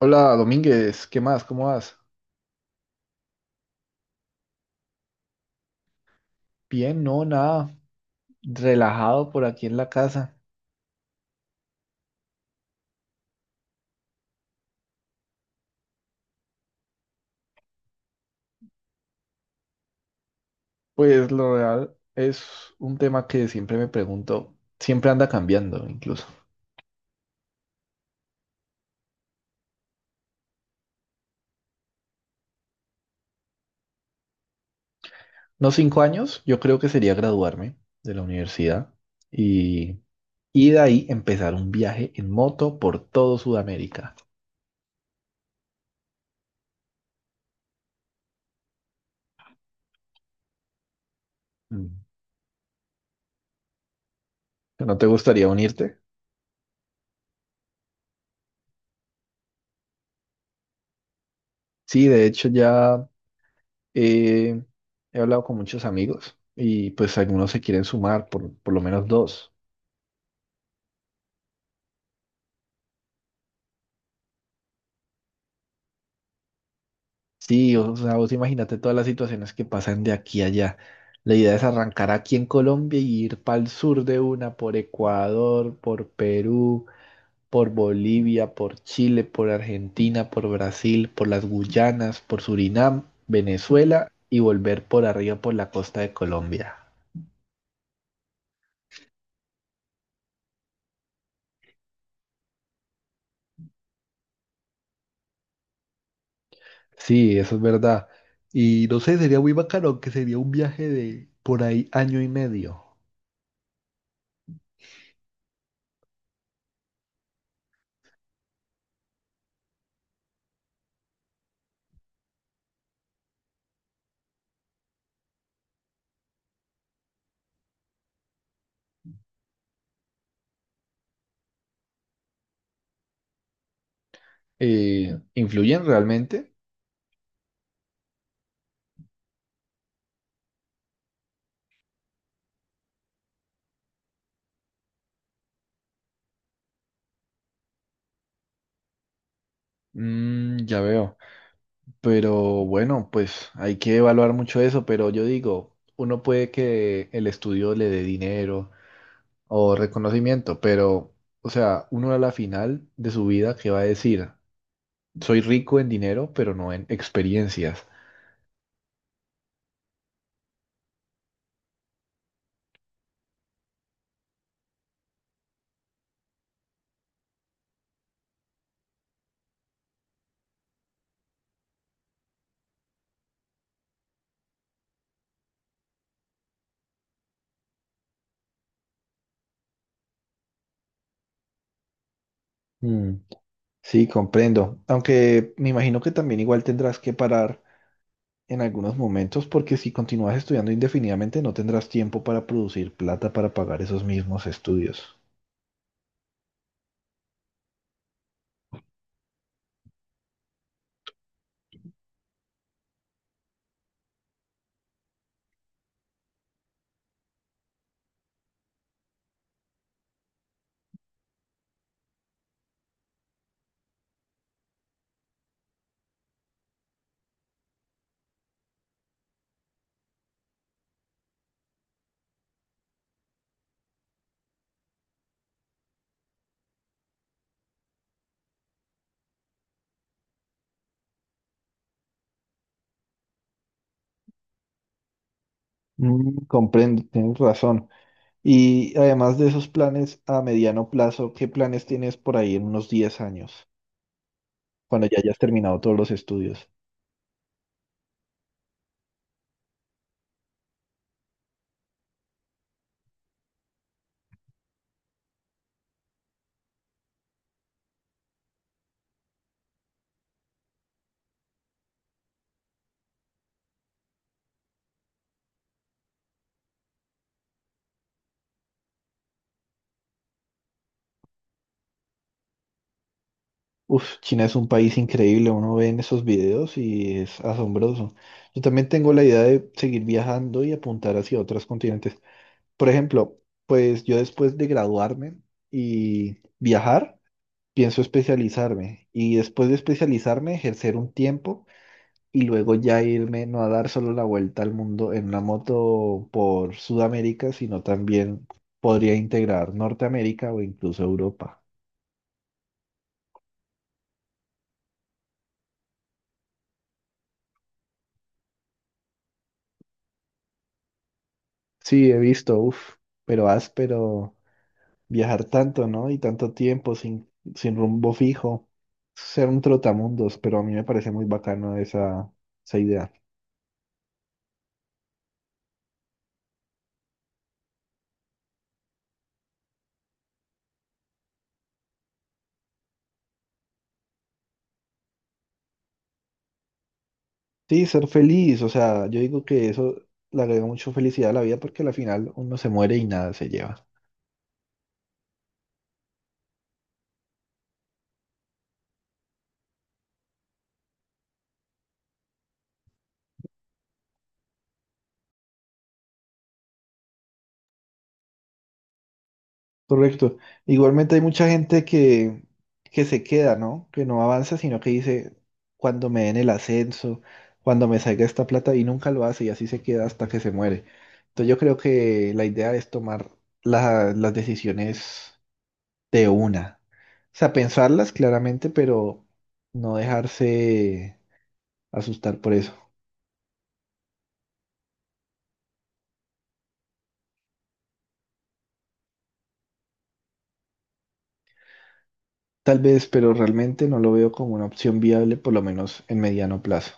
Hola Domínguez, ¿qué más? ¿Cómo vas? Bien, no, nada, relajado por aquí en la casa. Pues lo real es un tema que siempre me pregunto, siempre anda cambiando incluso. Unos 5 años, yo creo que sería graduarme de la universidad y, y de ahí empezar un viaje en moto por todo Sudamérica. Mm. ¿No te gustaría unirte? Sí, de hecho ya eh, he hablado con muchos amigos y pues algunos se quieren sumar, por lo menos dos. Sí, o sea, vos imagínate todas las situaciones que pasan de aquí a allá. La idea es arrancar aquí en Colombia y ir para el sur de una, por Ecuador, por Perú, por Bolivia, por Chile, por Argentina, por Brasil, por las Guyanas, por Surinam, Venezuela y volver por arriba por la costa de Colombia. Sí, eso es verdad. Y no sé, sería muy bacano, que sería un viaje de por ahí año y medio. ¿Influyen realmente? Mm, ya veo. Pero bueno, pues hay que evaluar mucho eso, pero yo digo, uno puede que el estudio le dé dinero o reconocimiento, pero, o sea, uno a la final de su vida, ¿qué va a decir? Soy rico en dinero, pero no en experiencias. Mm, sí, comprendo. Aunque me imagino que también igual tendrás que parar en algunos momentos, porque si continúas estudiando indefinidamente, no tendrás tiempo para producir plata para pagar esos mismos estudios. Mm, comprendo, tienes razón. Y además de esos planes a mediano plazo, ¿qué planes tienes por ahí en unos 10 años, cuando ya hayas terminado todos los estudios? Uf, China es un país increíble, uno ve en esos videos y es asombroso. Yo también tengo la idea de seguir viajando y apuntar hacia otros continentes. Por ejemplo, pues yo después de graduarme y viajar, pienso especializarme y después de especializarme, ejercer un tiempo y luego ya irme, no a dar solo la vuelta al mundo en una moto por Sudamérica, sino también podría integrar Norteamérica o incluso Europa. Sí, he visto, uff, pero áspero viajar tanto, ¿no? Y tanto tiempo sin rumbo fijo, ser un trotamundos, pero a mí me parece muy bacano esa idea. Sí, ser feliz, o sea, yo digo que eso le agrega mucho felicidad a la vida porque al final uno se muere y nada se lleva. Correcto. Igualmente hay mucha gente que se queda, ¿no? Que no avanza, sino que dice, cuando me den el ascenso, cuando me salga esta plata, y nunca lo hace, y así se queda hasta que se muere. Entonces yo creo que la idea es tomar las decisiones de una. O sea, pensarlas claramente, pero no dejarse asustar por eso. Tal vez, pero realmente no lo veo como una opción viable, por lo menos en mediano plazo.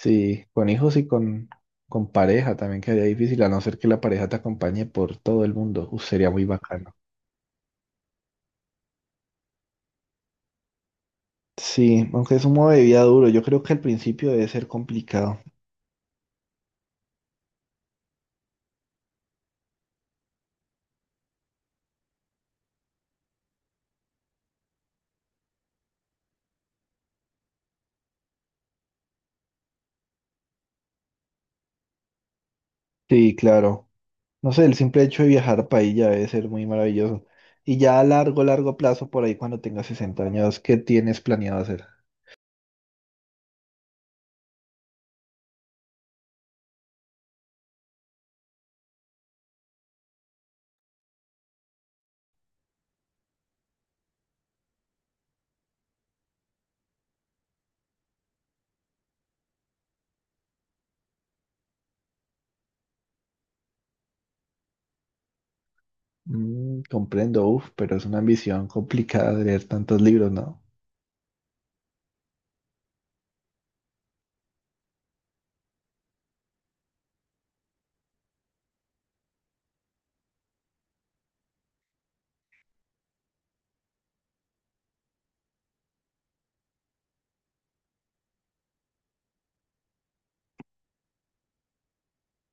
Sí, con hijos y con pareja también quedaría difícil, a no ser que la pareja te acompañe por todo el mundo. Uf, sería muy bacano. Sí, aunque es un modo de vida duro, yo creo que al principio debe ser complicado. Sí, claro. No sé, el simple hecho de viajar para ahí ya debe ser muy maravilloso. Y ya a largo, largo plazo, por ahí cuando tengas 60 años, ¿qué tienes planeado hacer? Mm, comprendo, uf, pero es una ambición complicada de leer tantos libros, ¿no?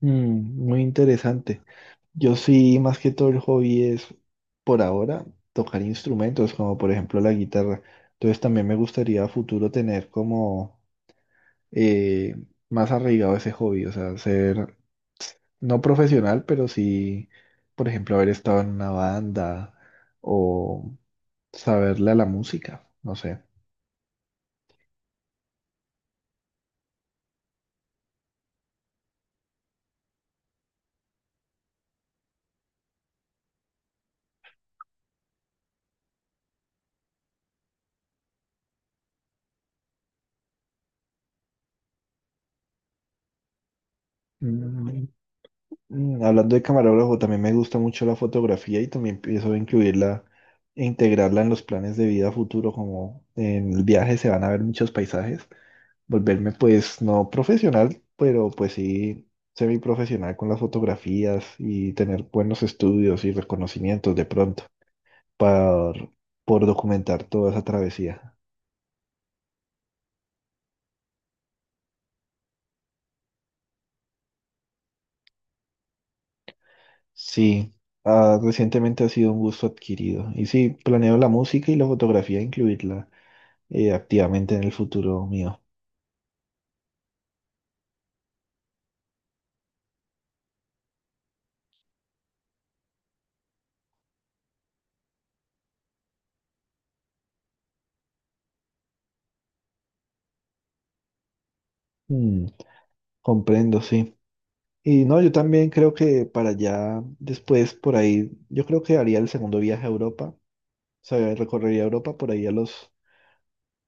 Mm, muy interesante. Yo sí, más que todo el hobby es, por ahora, tocar instrumentos, como por ejemplo la guitarra. Entonces también me gustaría a futuro tener como eh, más arraigado ese hobby, o sea, ser no profesional, pero sí, por ejemplo, haber estado en una banda o saberle a la música, no sé. Mm, mm. Hablando de camarógrafo, también me gusta mucho la fotografía y también pienso incluirla e integrarla en los planes de vida futuro, como en el viaje se van a ver muchos paisajes, volverme pues no profesional, pero pues sí semiprofesional con las fotografías y tener buenos estudios y reconocimientos de pronto por, por documentar toda esa travesía. Sí, ah, recientemente ha sido un gusto adquirido y sí, planeo la música y la fotografía incluirla activamente en el futuro mío. Mm, comprendo, sí. Y no, yo también creo que para allá, después, por ahí, yo creo que haría el segundo viaje a Europa. O sea, recorrería Europa por ahí a los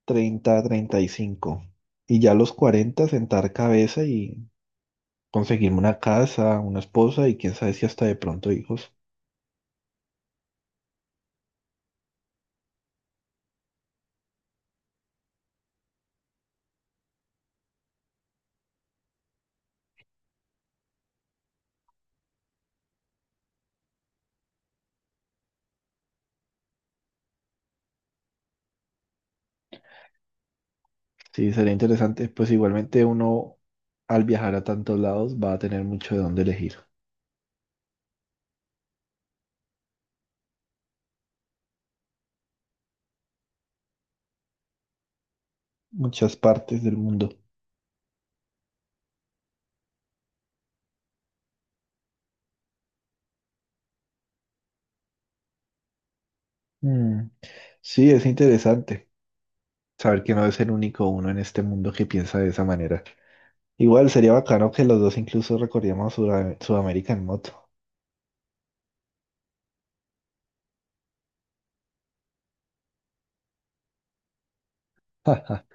treinta y cinco y ya a los 40, sentar cabeza y conseguirme una casa, una esposa y quién sabe si hasta de pronto hijos. Sí, sería interesante. Pues igualmente uno, al viajar a tantos lados, va a tener mucho de dónde elegir. Muchas partes del mundo. Mm, sí, es interesante saber que no es el único uno en este mundo que piensa de esa manera. Igual sería bacano que los dos incluso recorriéramos Sudamérica en moto.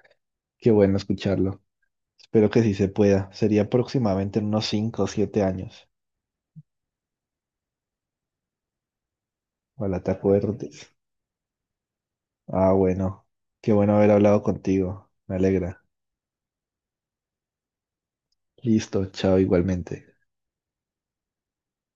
Qué bueno escucharlo. Espero que sí se pueda. Sería aproximadamente en unos 5 o 7 años. Ojalá te acuerdes. Ah, bueno. Qué bueno haber hablado contigo. Me alegra. Listo, chao igualmente.